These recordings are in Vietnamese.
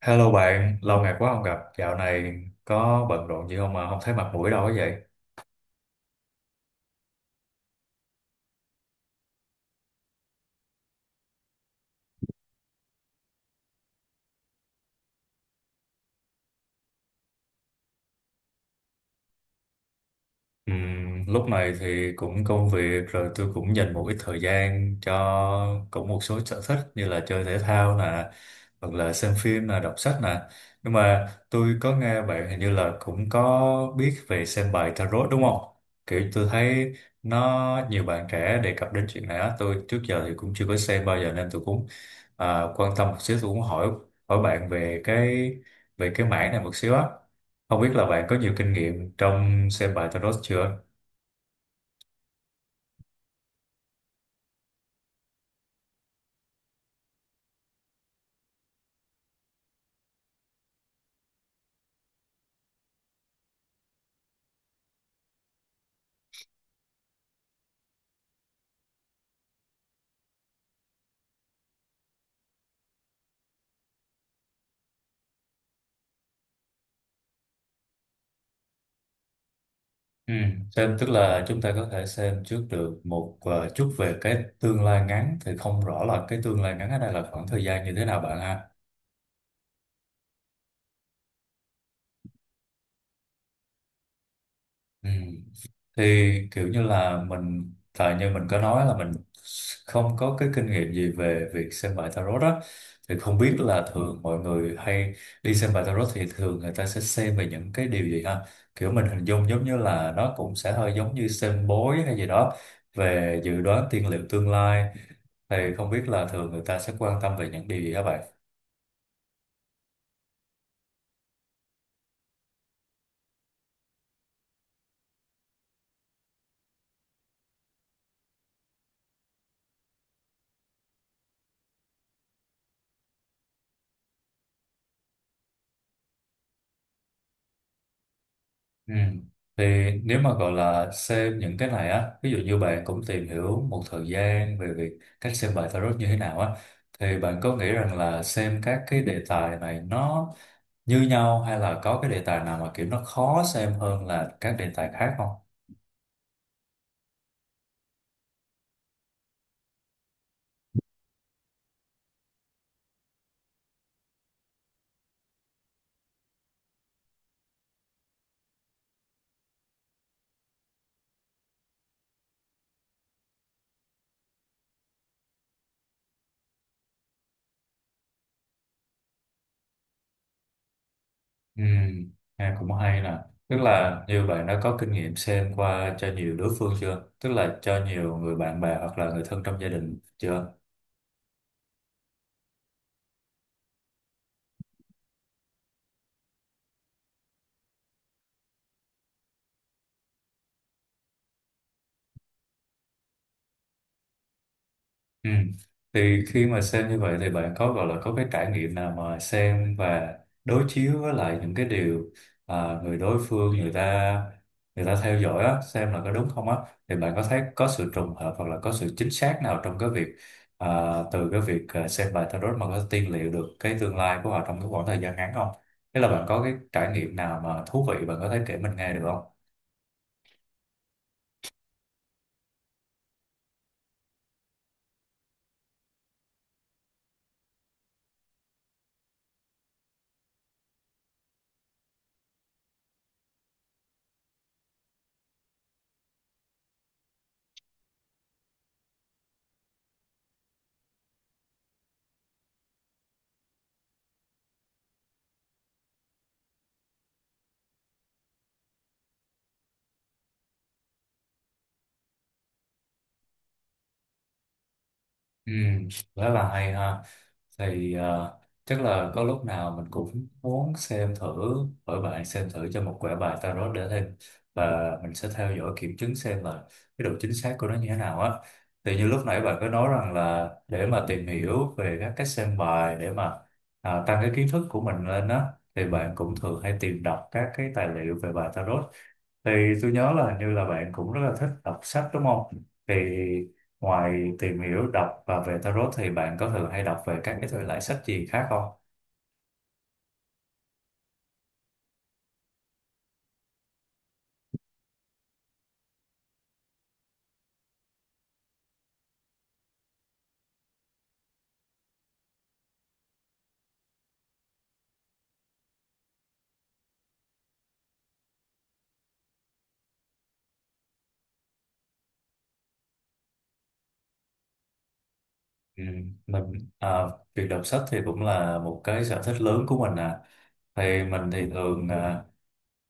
Hello bạn, lâu ngày quá không gặp, dạo này có bận rộn gì không mà không thấy mặt mũi đâu ấy vậy? Lúc này thì cũng công việc rồi tôi cũng dành một ít thời gian cho cũng một số sở thích như là chơi thể thao nè, hoặc là xem phim nè, đọc sách nè. Nhưng mà tôi có nghe bạn hình như là cũng có biết về xem bài tarot đúng không? Kiểu tôi thấy nó nhiều bạn trẻ đề cập đến chuyện này á, tôi trước giờ thì cũng chưa có xem bao giờ nên tôi cũng quan tâm một xíu. Tôi cũng hỏi hỏi bạn về cái mảng này một xíu á, không biết là bạn có nhiều kinh nghiệm trong xem bài tarot chưa? Ừ. Xem tức là chúng ta có thể xem trước được một chút về cái tương lai ngắn, thì không rõ là cái tương lai ngắn ở đây là khoảng thời gian như thế nào bạn ha. Ừ. Thì kiểu như là mình, tại như mình có nói là mình không có cái kinh nghiệm gì về việc xem bài tarot đó, thì không biết là thường mọi người hay đi xem bài tarot thì thường người ta sẽ xem về những cái điều gì ha? Kiểu mình hình dung giống như là nó cũng sẽ hơi giống như xem bói hay gì đó, về dự đoán tiên liệu tương lai, thì không biết là thường người ta sẽ quan tâm về những điều gì các bạn. Ừ. Thì nếu mà gọi là xem những cái này á, ví dụ như bạn cũng tìm hiểu một thời gian về việc cách xem bài tarot như thế nào á, thì bạn có nghĩ rằng là xem các cái đề tài này nó như nhau hay là có cái đề tài nào mà kiểu nó khó xem hơn là các đề tài khác không? Ừ, nghe cũng hay nè. Tức là như bạn đã có kinh nghiệm xem qua cho nhiều đối phương chưa? Tức là cho nhiều người bạn bè hoặc là người thân trong gia đình chưa? Ừ. Thì khi mà xem như vậy thì bạn có gọi là có cái trải nghiệm nào mà xem và đối chiếu với lại những cái điều người đối phương người ta theo dõi á, xem là có đúng không á, thì bạn có thấy có sự trùng hợp hoặc là có sự chính xác nào trong cái việc à, từ cái việc xem bài tarot mà có tiên liệu được cái tương lai của họ trong cái khoảng thời gian ngắn không? Thế là bạn có cái trải nghiệm nào mà thú vị bạn có thể kể mình nghe được không? Ừ, rất là hay ha. Thì chắc là có lúc nào mình cũng muốn xem thử, bởi bạn xem thử cho một quẻ bài tarot để thêm, và mình sẽ theo dõi kiểm chứng xem là cái độ chính xác của nó như thế nào á. Thì như lúc nãy bạn có nói rằng là để mà tìm hiểu về các cách xem bài để mà tăng cái kiến thức của mình lên á, thì bạn cũng thường hay tìm đọc các cái tài liệu về bài tarot. Thì tôi nhớ là hình như là bạn cũng rất là thích đọc sách đúng không? Thì ngoài tìm hiểu đọc và về tarot thì bạn có thường hay đọc về các cái thể loại sách gì khác không? Ừ, mình à, việc đọc sách thì cũng là một cái sở thích lớn của mình à. Thì mình thì thường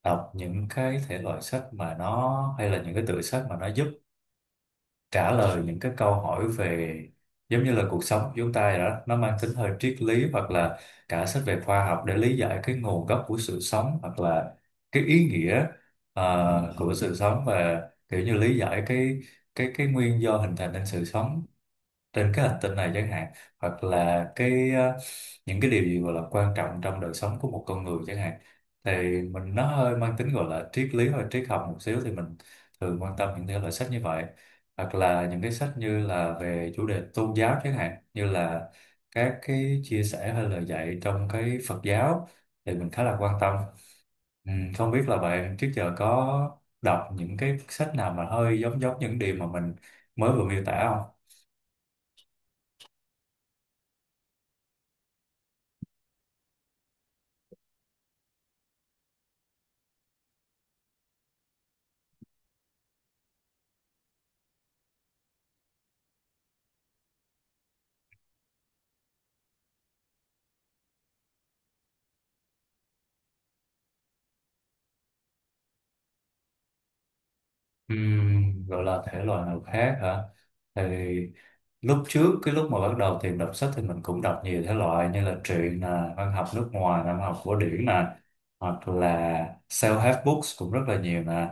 đọc những cái thể loại sách mà nó hay, là những cái tựa sách mà nó giúp trả lời những cái câu hỏi về giống như là cuộc sống của chúng ta vậy đó, nó mang tính hơi triết lý, hoặc là cả sách về khoa học để lý giải cái nguồn gốc của sự sống, hoặc là cái ý nghĩa của sự sống, và kiểu như lý giải cái nguyên do hình thành nên sự sống trên cái hành tinh này chẳng hạn, hoặc là những cái điều gì gọi là quan trọng trong đời sống của một con người chẳng hạn. Thì mình, nó hơi mang tính gọi là triết lý hoặc triết học một xíu, thì mình thường quan tâm những thể loại sách như vậy, hoặc là những cái sách như là về chủ đề tôn giáo, chẳng hạn như là các cái chia sẻ hay lời dạy trong cái Phật giáo thì mình khá là quan tâm. ừ, Không biết là bạn trước giờ có đọc những cái sách nào mà hơi giống giống những điều mà mình mới vừa miêu tả không? Ừ, gọi là thể loại nào khác hả? Thì lúc trước, cái lúc mà bắt đầu tìm đọc sách thì mình cũng đọc nhiều thể loại như là truyện nè, văn học nước ngoài nè, văn học cổ điển nè, hoặc là self-help books cũng rất là nhiều nè,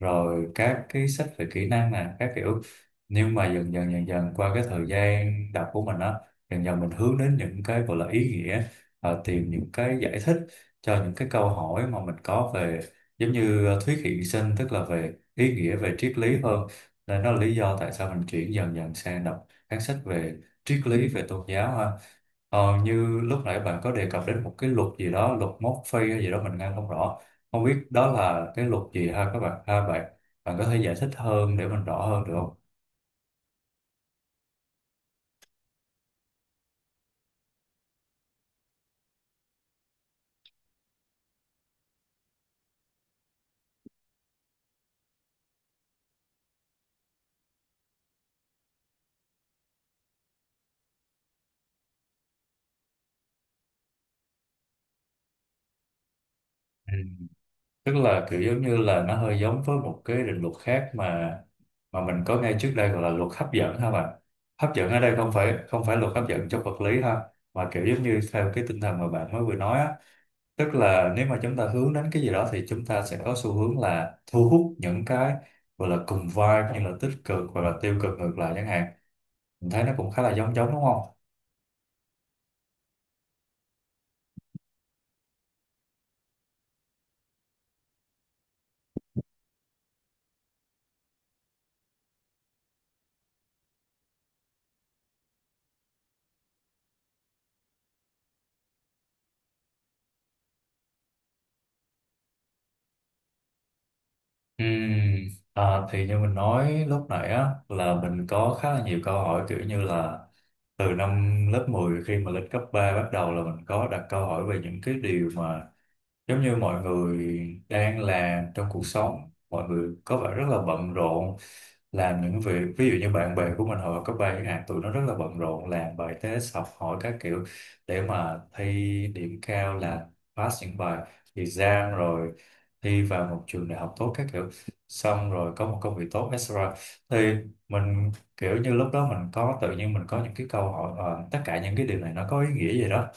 rồi các cái sách về kỹ năng nè, các kiểu. Nhưng mà dần dần qua cái thời gian đọc của mình á, dần dần mình hướng đến những cái gọi là ý nghĩa, tìm những cái giải thích cho những cái câu hỏi mà mình có về giống như thuyết hiện sinh, tức là về ý nghĩa về triết lý hơn. Nên đó là lý do tại sao mình chuyển dần dần sang đọc phán xét về triết lý về tôn giáo ha. Như lúc nãy bạn có đề cập đến một cái luật gì đó, luật mốc phi hay gì đó mình nghe không rõ, không biết đó là cái luật gì ha các bạn ha. Bạn bạn có thể giải thích hơn để mình rõ hơn được không? Ừ. Tức là kiểu giống như là nó hơi giống với một cái định luật khác mà mình có nghe trước đây gọi là luật hấp dẫn ha bạn. Hấp dẫn ở đây không phải, không phải luật hấp dẫn trong vật lý ha, mà kiểu giống như theo cái tinh thần mà bạn mới vừa nói á, tức là nếu mà chúng ta hướng đến cái gì đó thì chúng ta sẽ có xu hướng là thu hút những cái gọi là cùng vibe như là tích cực hoặc là tiêu cực ngược lại chẳng hạn. Mình thấy nó cũng khá là giống giống đúng không? Ừm, à, thì như mình nói lúc nãy á, là mình có khá là nhiều câu hỏi kiểu như là từ năm lớp 10 khi mà lên cấp ba, bắt đầu là mình có đặt câu hỏi về những cái điều mà giống như mọi người đang làm trong cuộc sống. Mọi người có vẻ rất là bận rộn làm những việc, ví dụ như bạn bè của mình hồi cấp ba chẳng hạn, tụi nó rất là bận rộn làm bài test học hỏi các kiểu, để mà thi điểm cao, là pass những bài exam, rồi thi vào một trường đại học tốt các kiểu, xong rồi có một công việc tốt, etc. Thì mình kiểu như lúc đó mình có, tự nhiên mình có những cái câu hỏi, tất cả những cái điều này nó có ý nghĩa gì đó.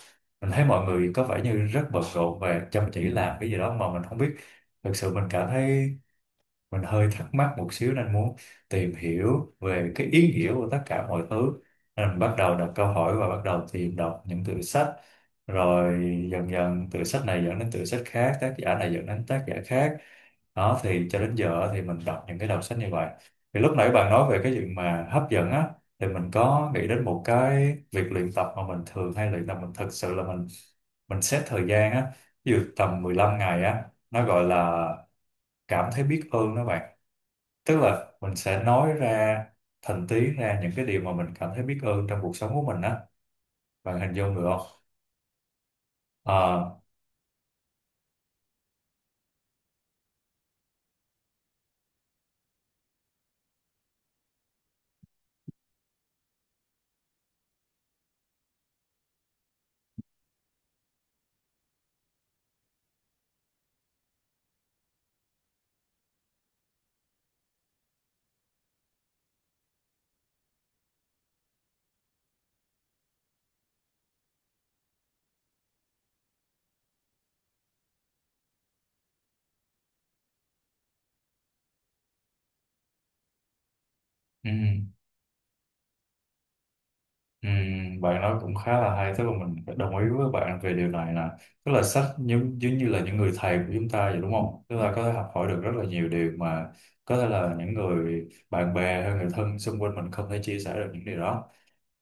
Mình thấy mọi người có vẻ như rất bận rộn và chăm chỉ làm cái gì đó mà mình không biết. Thực sự mình cảm thấy mình hơi thắc mắc một xíu nên muốn tìm hiểu về cái ý nghĩa của tất cả mọi thứ. Nên mình bắt đầu đặt câu hỏi và bắt đầu tìm đọc những tựa sách, rồi dần dần từ sách này dẫn đến từ sách khác, tác giả này dẫn đến tác giả khác. Đó, thì cho đến giờ thì mình đọc những cái đầu sách như vậy. Thì lúc nãy bạn nói về cái chuyện mà hấp dẫn á, thì mình có nghĩ đến một cái việc luyện tập mà mình thường hay luyện tập. Mình thực sự là mình xét thời gian á, ví dụ tầm 15 ngày á, nó gọi là cảm thấy biết ơn đó bạn. Tức là mình sẽ nói ra thành tiếng ra những cái điều mà mình cảm thấy biết ơn trong cuộc sống của mình á, bạn hình dung được không? Ờ, ừ. Ừ, bạn nói cũng khá là hay, tức là mình phải đồng ý với bạn về điều này nè. Tức là sách giống giống như là những người thầy của chúng ta vậy đúng không, tức là có thể học hỏi được rất là nhiều điều mà có thể là những người bạn bè hay người thân xung quanh mình không thể chia sẻ được những điều đó.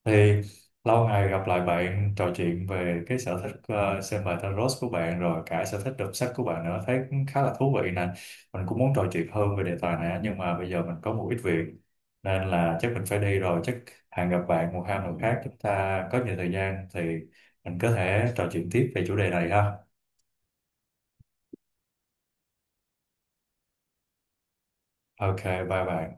Thì lâu ngày gặp lại bạn trò chuyện về cái sở thích xem bài tarot của bạn rồi cả sở thích đọc sách của bạn nữa, thấy cũng khá là thú vị nè. Mình cũng muốn trò chuyện hơn về đề tài này á, nhưng mà bây giờ mình có một ít việc nên là chắc mình phải đi rồi. Chắc hẹn gặp bạn một hai lần khác, chúng ta có nhiều thời gian thì mình có thể trò chuyện tiếp về chủ đề này ha. Ok, bye bye.